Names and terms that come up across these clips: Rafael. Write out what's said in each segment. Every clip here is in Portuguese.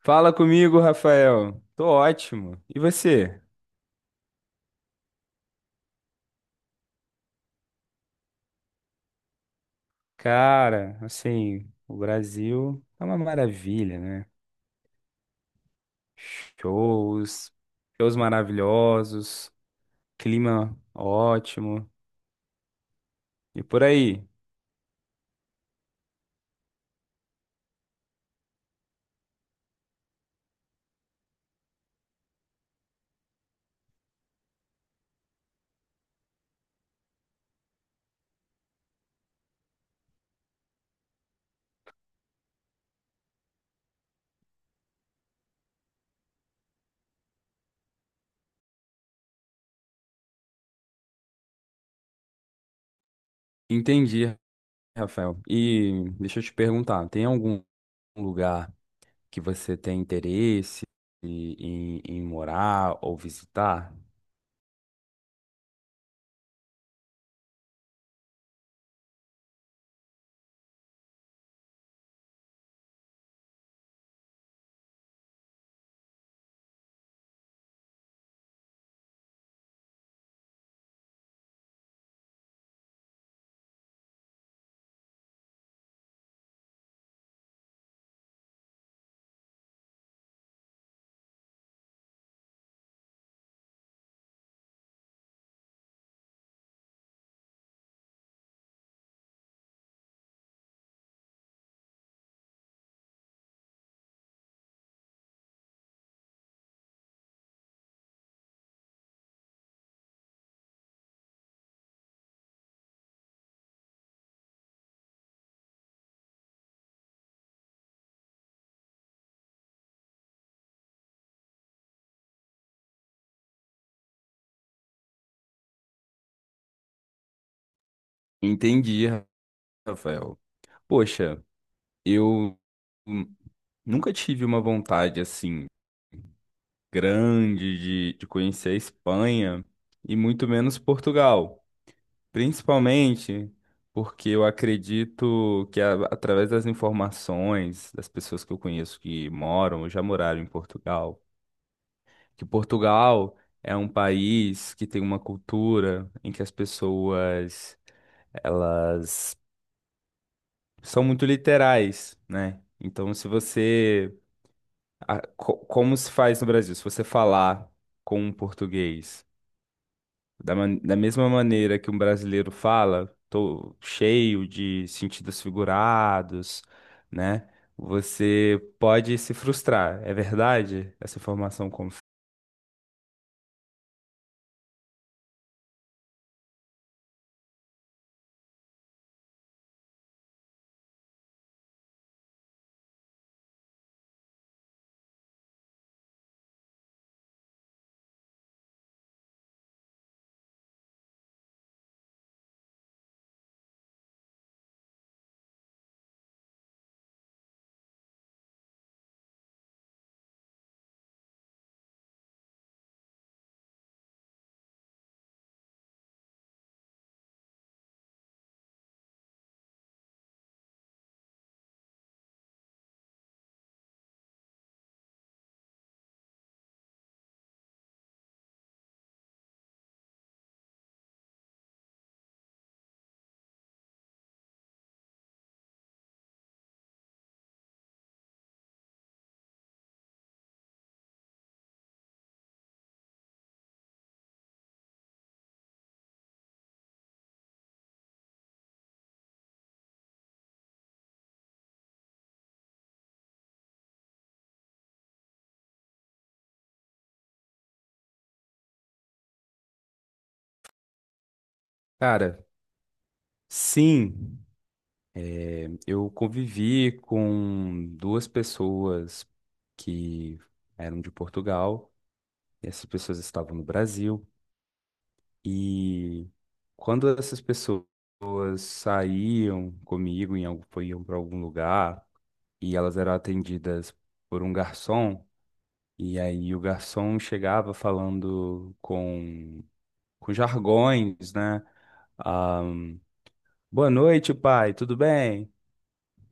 Fala comigo, Rafael. Tô ótimo. E você? Cara, assim, o Brasil é uma maravilha, né? Shows, shows maravilhosos, clima ótimo. E por aí? Entendi, Rafael. E deixa eu te perguntar, tem algum lugar que você tem interesse em, em morar ou visitar? Entendi, Rafael. Poxa. Eu hum, nunca tive uma vontade assim grande de conhecer a Espanha e muito menos Portugal, principalmente porque eu acredito que através das informações das pessoas que eu conheço que moram ou já moraram em Portugal, que Portugal é um país que tem uma cultura em que as pessoas elas são muito literais, né? Então, se você como se faz no Brasil? Se você falar com um português da mesma maneira que um brasileiro fala, tô cheio de sentidos figurados, né? Você pode se frustrar. É verdade essa informação como... Cara, sim, é, eu convivi com duas pessoas que eram de Portugal, e essas pessoas estavam no Brasil, e quando essas pessoas saíam comigo, iam para algum lugar, e elas eram atendidas por um garçom, e aí o garçom chegava com jargões, né? Ah, boa noite, pai, tudo bem?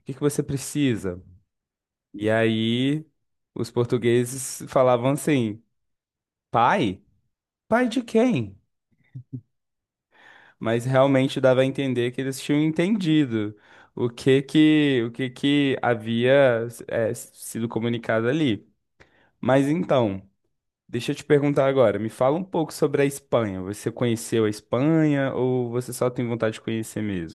O que que você precisa? E aí os portugueses falavam assim, pai? Pai de quem? Mas realmente dava a entender que eles tinham entendido o que que havia sido comunicado ali. Mas então, deixa eu te perguntar agora, me fala um pouco sobre a Espanha. Você conheceu a Espanha ou você só tem vontade de conhecer mesmo?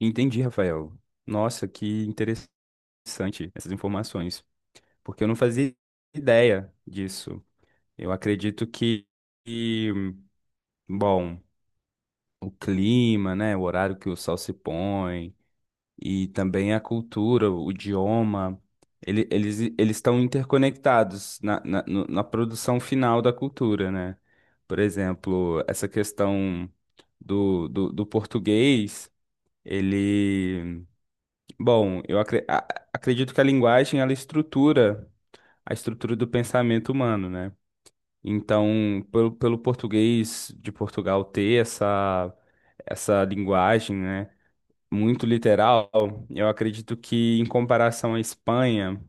Entendi, Rafael. Nossa, que interessante essas informações, porque eu não fazia ideia disso. Eu acredito que, bom, o clima, né, o horário que o sol se põe, e também a cultura, o idioma, eles estão interconectados na, na, no- na produção final da cultura, né? Por exemplo, essa questão do português, ele... Bom, acredito que a linguagem, ela estrutura a estrutura do pensamento humano, né? Então, pelo português de Portugal ter essa linguagem, né? Muito literal, eu acredito que em comparação à Espanha,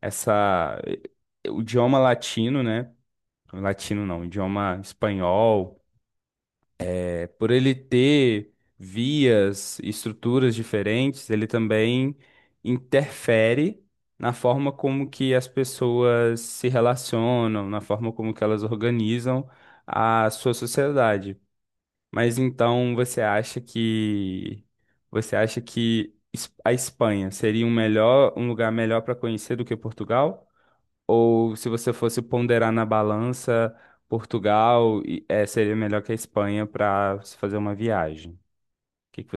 essa... O idioma latino, né? Latino não, o idioma espanhol, é, por ele ter vias, e estruturas diferentes, ele também interfere na forma como que as pessoas se relacionam, na forma como que elas organizam a sua sociedade. Mas então você acha que a Espanha seria um melhor, um lugar melhor para conhecer do que Portugal? Ou se você fosse ponderar na balança, Portugal seria melhor que a Espanha para se fazer uma viagem? Que que vo-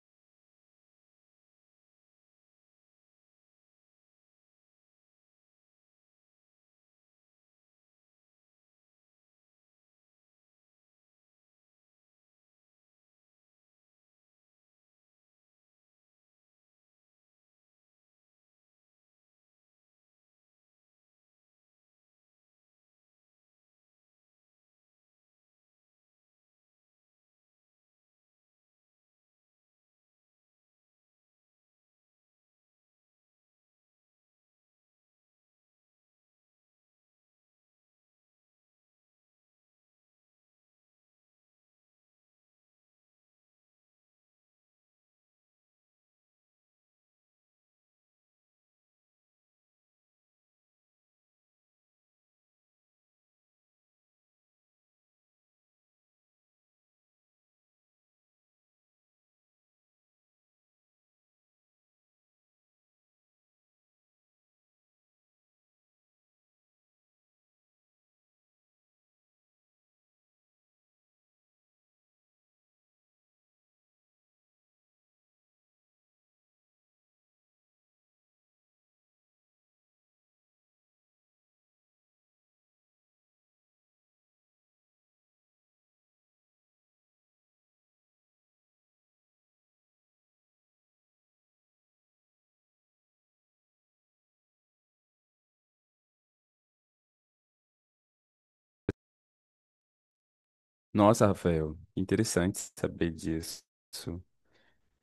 Nossa, Rafael, interessante saber disso.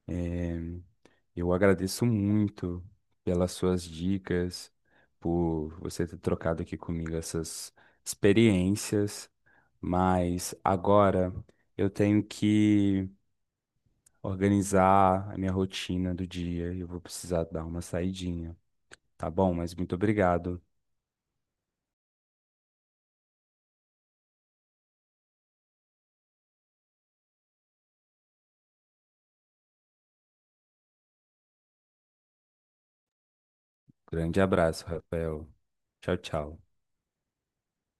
É, eu agradeço muito pelas suas dicas, por você ter trocado aqui comigo essas experiências. Mas agora eu tenho que organizar a minha rotina do dia e eu vou precisar dar uma saidinha. Tá bom? Mas muito obrigado. Grande abraço, Rafael. Tchau, tchau.